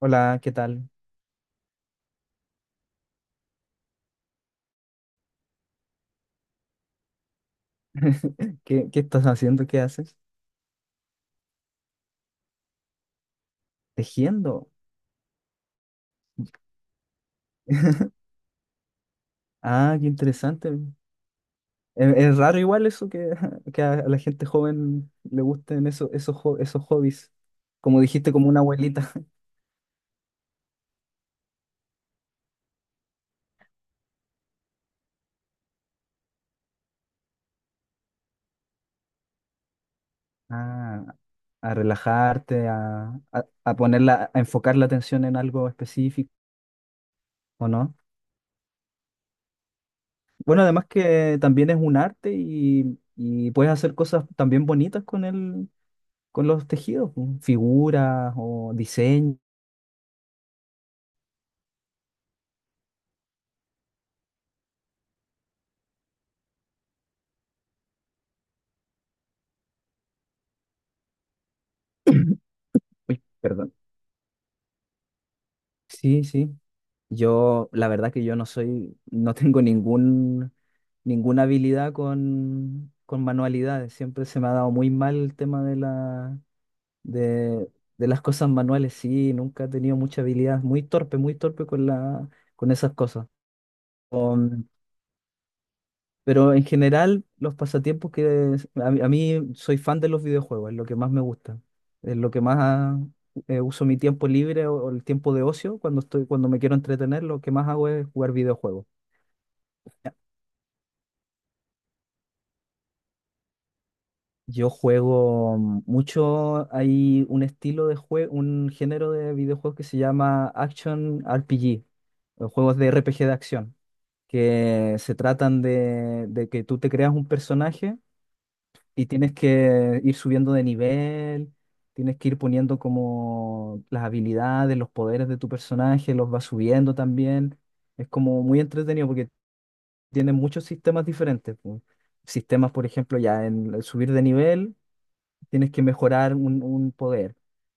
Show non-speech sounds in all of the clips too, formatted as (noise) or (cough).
Hola, ¿qué tal? (laughs) ¿Qué estás haciendo? ¿Qué haces? Tejiendo. (laughs) Ah, qué interesante. Es raro igual eso que, (laughs) que a la gente joven le gusten eso, esos hobbies. Como dijiste, como una abuelita. (laughs) Ah, a relajarte, a ponerla, a enfocar la atención en algo específico, ¿o no? Bueno, además que también es un arte y puedes hacer cosas también bonitas con con los tejidos, pues, figuras o diseño. Uy, perdón. Sí, sí. Yo, la verdad que yo no soy, no tengo ninguna habilidad con manualidades. Siempre se me ha dado muy mal el tema de de, de las cosas manuales. Sí, nunca he tenido mucha habilidad. Muy torpe con la, con esas cosas. Pero en general, los pasatiempos que a mí soy fan de los videojuegos, es lo que más me gusta, es lo que más uso mi tiempo libre o el tiempo de ocio cuando estoy, cuando me quiero entretener, lo que más hago es jugar videojuegos. Yo juego mucho, hay un estilo de juego, un género de videojuegos que se llama Action RPG, o juegos de RPG de acción, que se tratan de que tú te creas un personaje. Y tienes que ir subiendo de nivel, tienes que ir poniendo como las habilidades, los poderes de tu personaje, los vas subiendo también. Es como muy entretenido porque tiene muchos sistemas diferentes, pues. Sistemas, por ejemplo, ya en el subir de nivel, tienes que mejorar un poder.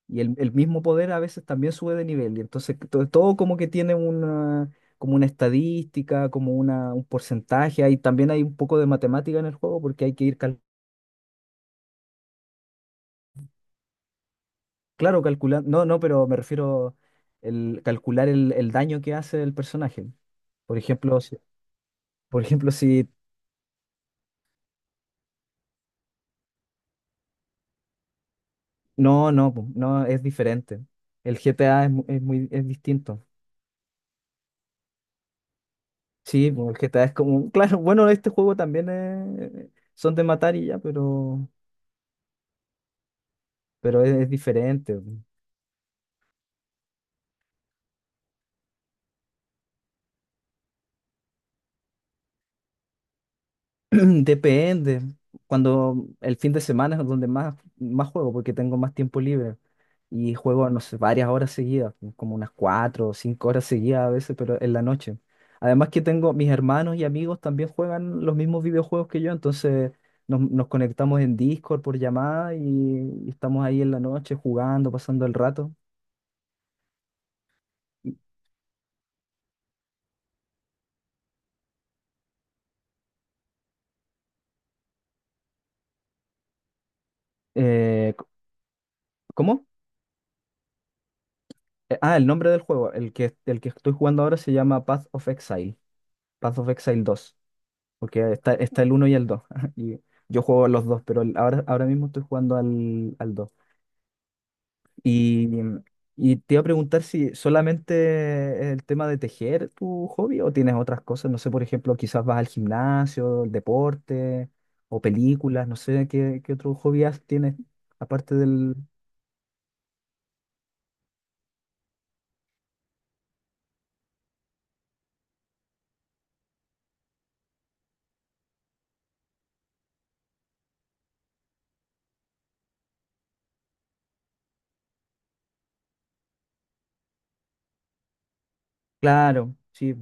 Y el mismo poder a veces también sube de nivel. Y entonces todo, como que tiene una, como una estadística, como una, un porcentaje. Hay, también hay un poco de matemática en el juego porque hay que ir calculando. Claro, calcular, no, no, pero me refiero el calcular el daño que hace el personaje. Por ejemplo, por ejemplo, si no, no, po, no es diferente. El GTA es, mu- es muy es distinto. Sí, po, el GTA es como, (laughs) claro, bueno, este juego también son de matar y ya, pero es diferente. (clears throat) Depende. Cuando el fin de semana es donde más, más juego, porque tengo más tiempo libre. Y juego, no sé, varias horas seguidas, como unas cuatro o cinco horas seguidas a veces, pero en la noche. Además que tengo mis hermanos y amigos también juegan los mismos videojuegos que yo, entonces nos, nos conectamos en Discord por llamada y estamos ahí en la noche jugando, pasando el rato. Eh, c- ¿Cómo? El nombre del juego, el que estoy jugando ahora se llama Path of Exile dos. Porque está, está el uno y el dos. (laughs) Y yo juego a los dos, pero ahora, ahora mismo estoy jugando al, al dos. Y, y te iba a preguntar si solamente el tema de tejer tu hobby o tienes otras cosas. No sé, por ejemplo, quizás vas al gimnasio, el deporte o películas. No sé qué otro tienes aparte del... Claro, sí,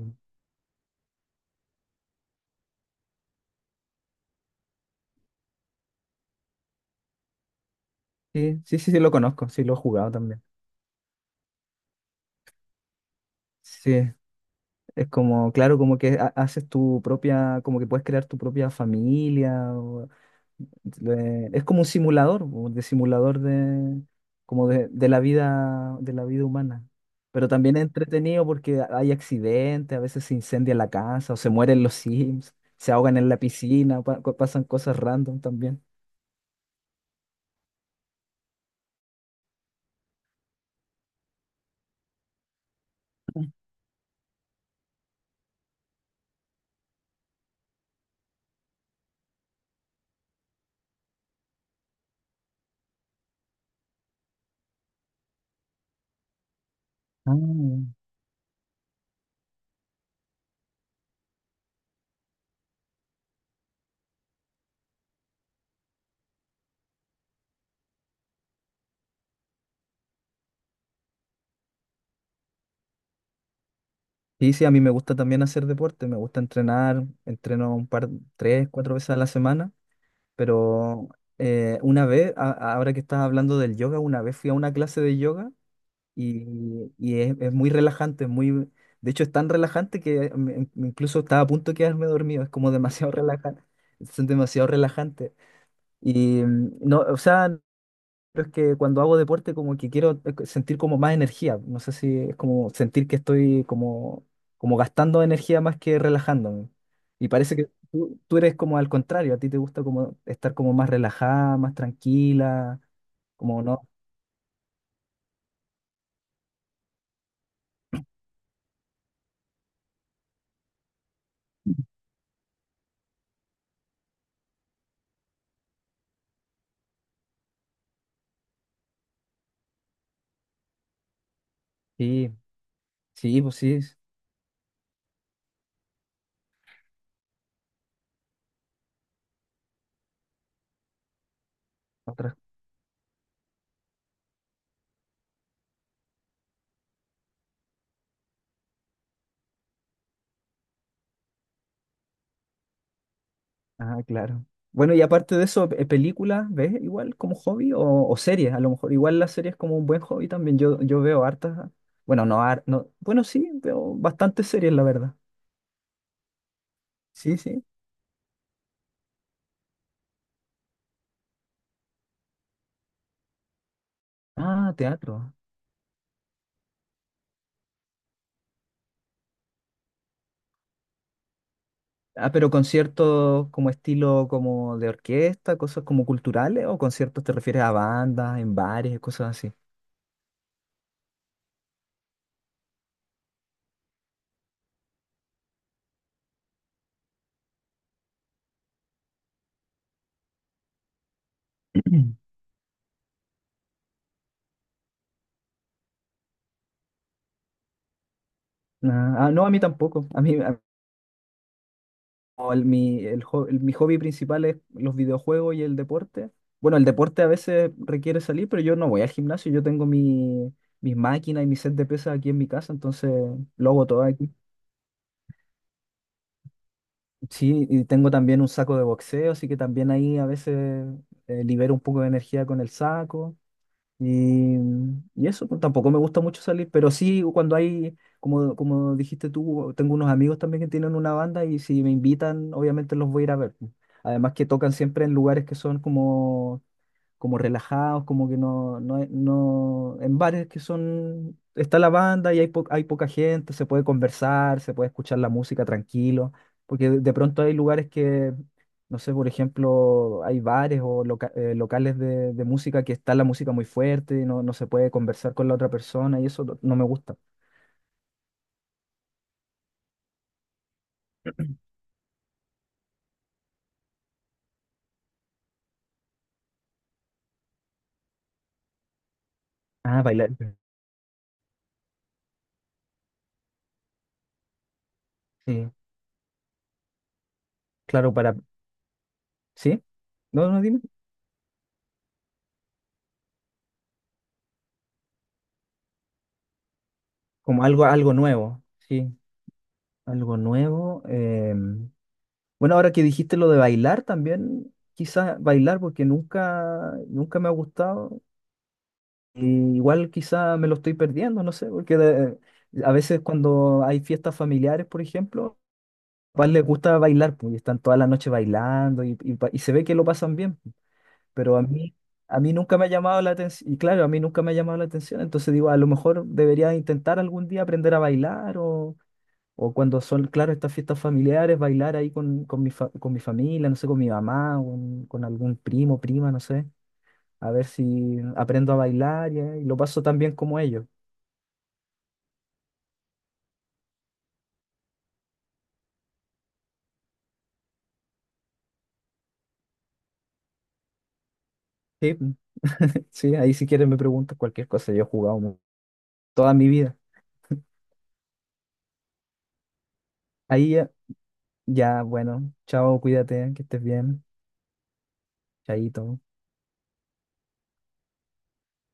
sí, sí, sí, sí, lo conozco, sí, lo he jugado también. Sí, es como, claro, como que haces tu propia, como que puedes crear tu propia familia es como un simulador, po, de simulador de, como de la vida humana. Pero también es entretenido porque hay accidentes, a veces se incendia la casa o se mueren los Sims, se ahogan en la piscina, pasan cosas random también. Ah. Sí, sí, a mí me gusta también hacer deporte, me gusta entrenar, entreno un par, tres, cuatro veces a la semana, pero una vez, ahora que estás hablando del yoga, una vez fui a una clase de yoga y es muy relajante, es muy, de hecho es tan relajante que me incluso estaba a punto de quedarme dormido, es como demasiado (laughs) relajante, son demasiado relajantes. Y no, o sea, no, pero es que cuando hago deporte como que quiero sentir como más energía, no sé si es como sentir que estoy como, como gastando energía más que relajándome. Y parece que tú eres como al contrario, a ti te gusta como estar como más relajada, más tranquila, como no. Sí, sí, pues sí. Ah, claro. Bueno, y aparte de eso, ¿películas ves igual como hobby o series? A lo mejor igual las series como un buen hobby también. Yo veo hartas, bueno, no, bueno, sí, veo bastantes series, la verdad. Sí, sí. Ah, teatro. Ah, pero conciertos como estilo como de orquesta, cosas como culturales o conciertos te refieres a bandas, en bares, cosas así. (clears throat) Ah, ah, no, a mí tampoco. A mí, como el- mi, el ho- el- mi hobby principal es los videojuegos y el deporte. Bueno, el deporte a veces requiere salir, pero yo no voy al gimnasio, yo tengo mi, mis máquinas y mi set de pesas aquí en mi casa, entonces lo hago todo aquí. Sí, y tengo también un saco de boxeo, así que también ahí a veces libero un poco de energía con el saco. Y, y eso, pues, tampoco me gusta mucho salir, pero sí cuando hay, como, como dijiste tú, tengo unos amigos también que tienen una banda y si me invitan, obviamente los voy a ir a ver, pues. Además que tocan siempre en lugares que son como como relajados, como que no, en bares que son, está la banda y hay, hay poca gente, se puede conversar, se puede escuchar la música tranquilo, porque de pronto hay lugares que, no sé, por ejemplo, hay bares o locales de música que está la música muy fuerte y no, no se puede conversar con la otra persona y eso no, no me gusta. Ah, bailar. Sí, claro, para, ¿sí? No, no, dime. Como algo, algo nuevo, sí, algo nuevo. Bueno, ahora que dijiste lo de bailar también, quizás bailar porque nunca, nunca me ha gustado. Y igual quizás me lo estoy perdiendo, no sé, a veces cuando hay fiestas familiares, por ejemplo, a papás les gusta bailar, pues, y están toda la noche bailando y, y se ve que lo pasan bien, pero a mí nunca me ha llamado la atención, y claro, a mí nunca me ha llamado la atención, entonces digo, a lo mejor debería intentar algún día aprender a bailar o cuando son, claro, estas fiestas familiares, bailar ahí con mi con mi familia, no sé, con mi mamá, con algún primo, prima, no sé, a ver si aprendo a bailar y lo paso tan bien como ellos. Sí, (laughs) sí, ahí si quieres me preguntas cualquier cosa, yo he jugado toda mi vida. Ahí ya, ya, bueno, chao, cuídate, que estés bien, chaito.